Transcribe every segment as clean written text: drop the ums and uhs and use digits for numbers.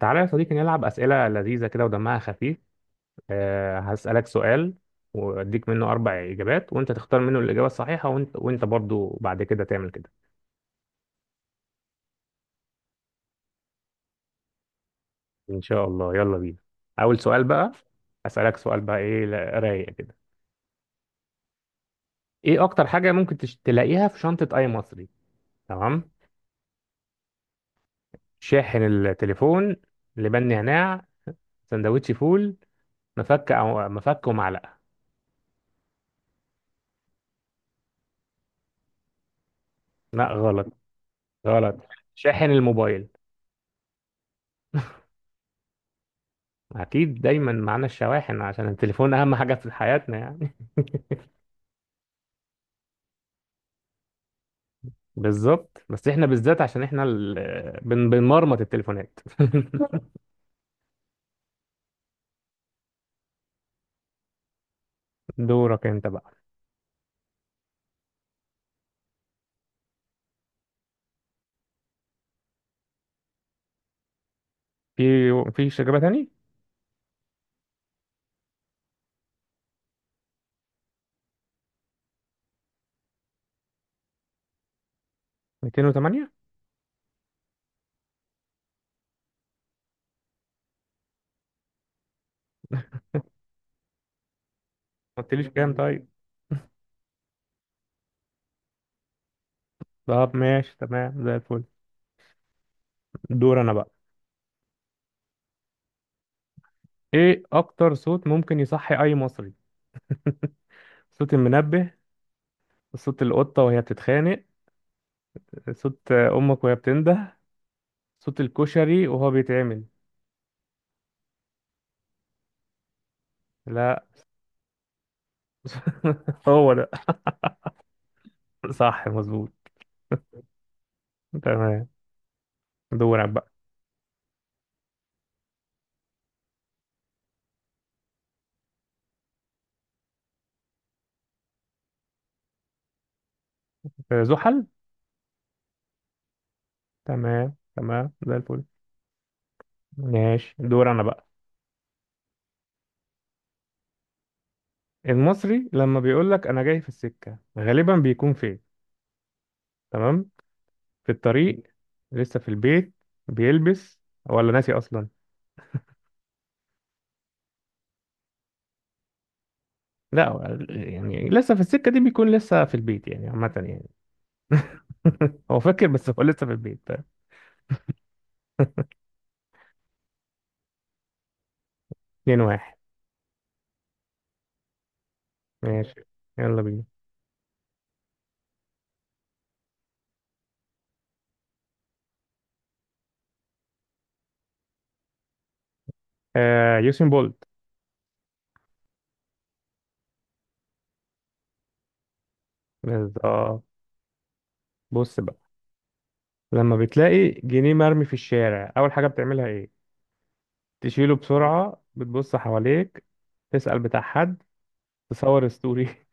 تعالى يا صديقي نلعب أسئلة لذيذة كده ودمها خفيف. هسألك سؤال وأديك منه 4 إجابات، وأنت تختار منه الإجابة الصحيحة، وأنت برضو بعد كده تعمل كده. إن شاء الله، يلا بينا. أول سؤال بقى. أسألك سؤال بقى، إيه رايق كده. إيه أكتر حاجة ممكن تلاقيها في شنطة أي مصري؟ تمام. شاحن التليفون، لبن نعناع، سندوتش فول، مفك أو مفك ومعلقة. لا، غلط. غلط. شاحن الموبايل. اكيد دايما معانا الشواحن عشان التليفون اهم حاجه في حياتنا يعني. بالظبط، بس احنا بالذات عشان احنا بنمرمط التليفونات. دورك انت بقى. في في اجابه تاني؟ 208، ما قلتليش كام طيب؟ طب ماشي، تمام زي الفل. دور انا بقى. ايه اكتر صوت ممكن يصحي اي مصري؟ صوت المنبه، صوت القطه وهي بتتخانق، صوت امك وهي بتنده، صوت الكشري وهو بيتعمل. لا. هو ده. صح، مظبوط. تمام. دورك بقى. آه، زحل. تمام تمام زي الفل. ماشي، دور انا بقى. المصري لما بيقول لك انا جاي في السكة غالبا بيكون فين؟ تمام. في الطريق، لسه في البيت بيلبس، ولا ناسي اصلا. لا، هو يعني لسه في السكة دي بيكون لسه في البيت يعني، عامة يعني. هو فاكر بس هو لسه في البيت، فاهم؟ 2-1. ماشي، يلا بينا. آه، يوسين بولت. بالظبط. بص بقى. لما بتلاقي جنيه مرمي في الشارع، اول حاجة بتعملها ايه؟ تشيله بسرعة، بتبص حواليك، تسأل بتاع حد، تصور ستوري.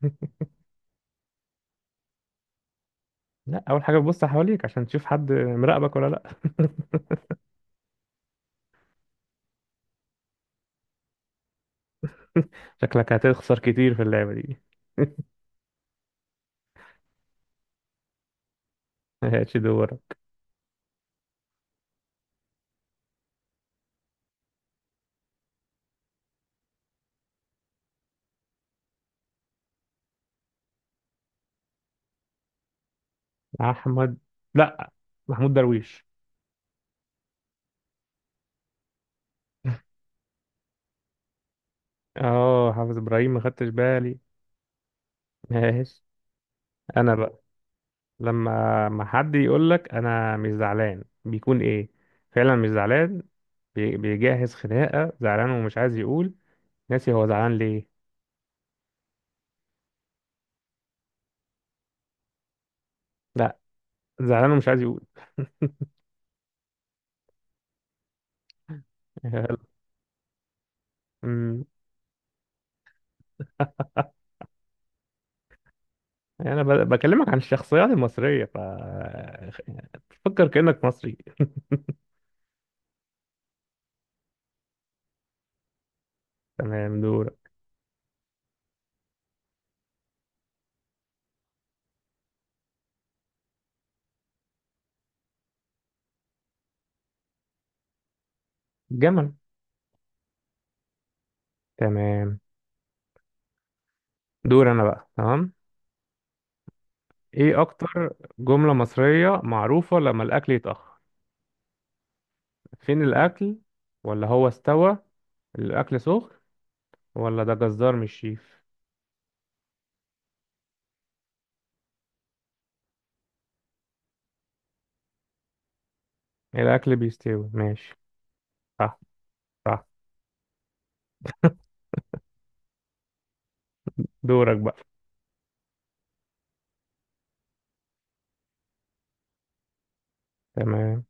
لا، أول حاجة بتبص حواليك عشان تشوف حد مراقبك ولا لا. شكلك هتخسر كتير في اللعبة دي. ماشي، دورك. أحمد، لا، محمود درويش. اه، حافظ إبراهيم، ما خدتش بالي. ماشي. أنا بقى. لما ما حد يقول لك أنا مش زعلان بيكون إيه؟ فعلا مش زعلان، بيجهز خناقة، زعلان ومش عايز يقول، ناسي هو زعلان ليه. لا، زعلان ومش عايز يقول. امم. يعني انا بكلمك عن الشخصيات المصريه، ف تفكر كانك مصري. تمام، دور. جمل. تمام، دور انا بقى، تمام. ايه اكتر جمله مصريه معروفه لما الاكل يتاخر؟ فين الاكل، ولا هو استوى، الاكل سخن، ولا ده جزار مش شيف. الاكل بيستوي، ماشي. صح. صح. دورك بقى. تمام.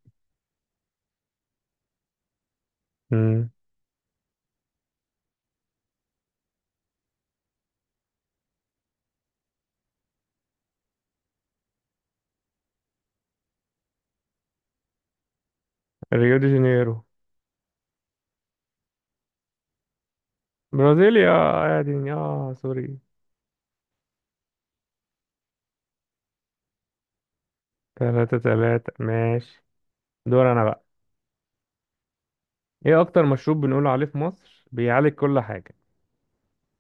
امم. ريو دي جانيرو. برازيليا، اه يا دنيا، اه سوري. 3-3، ماشي. دور انا بقى. ايه اكتر مشروب بنقول عليه في مصر بيعالج كل حاجة؟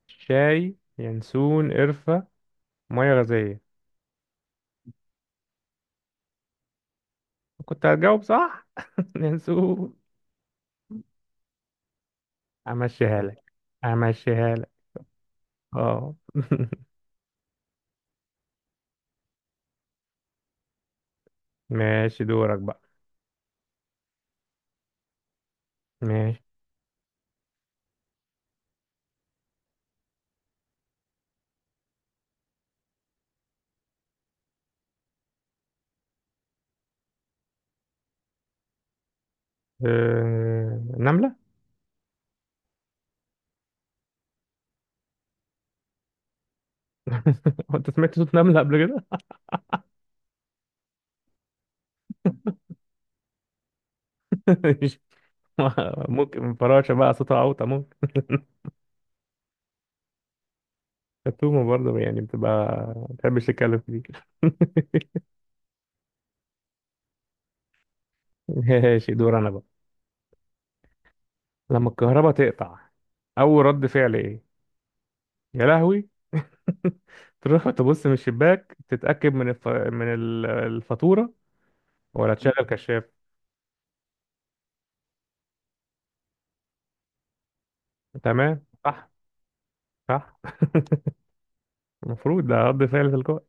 شاي، ينسون، قرفة، مية غازية. كنت هتجاوب صح. ينسون. امشيها لك. امشيها لك. اه. ماشي، دورك بقى. ماشي. نملة. هو انت سمعت صوت نملة قبل كده؟ مش- ممكن فراشة بقى صوتها اوطى، ممكن. التومة برضه يعني بتبقى، ما بتحبش تتكلم كتير. ماشي، دور انا بقى. لما الكهرباء تقطع، اول رد فعل ايه؟ يا لهوي. تروح تبص من الشباك، تتأكد من الفاتورة، ولا تشغل كشاف. تمام، صح. صح. المفروض ده رد فعل تلقائي.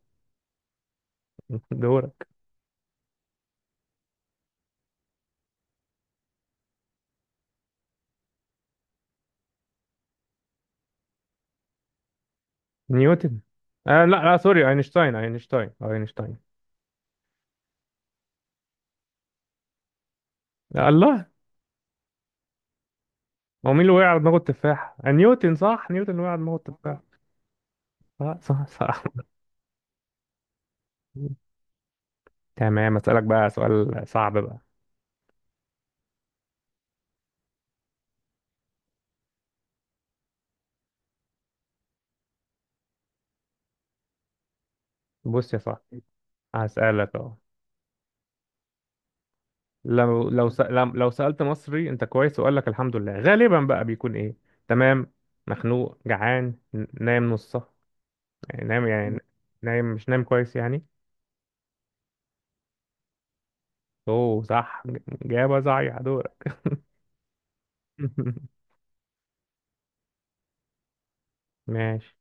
دورك. نيوتن. آه، لا لا، سوري، اينشتاين اينشتاين اينشتاين. لا الله. هو مين اللي وقع على دماغه التفاح؟ آه، نيوتن صح، نيوتن اللي وقع على دماغه التفاح. صح صح صح. تمام، اسألك بقى سؤال صعب بقى. بص يا صاحبي. هسألك اهو. لو لو س- لم- لو سألت مصري انت كويس وقال لك الحمد لله، غالبا بقى بيكون ايه؟ تمام. مخنوق، جعان، نايم نصه، يعني نايم يعني، نايم مش نايم كويس يعني. اوه صح، جابه صحيح، دورك. ماشي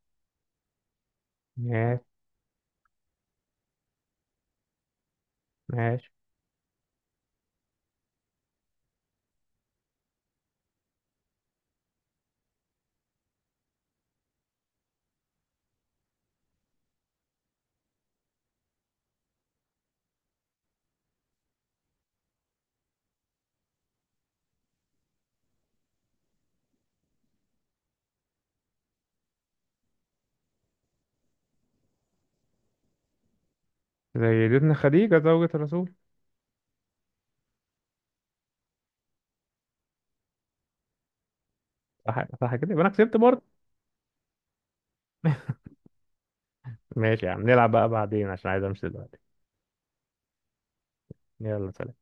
ماشي ماشي. زي سيدتنا خديجة زوجة الرسول. صح صح، كده يبقى انا كسبت برضه. ماشي يا عم، نلعب بقى بعدين عشان عايز امشي دلوقتي. يلا، سلام.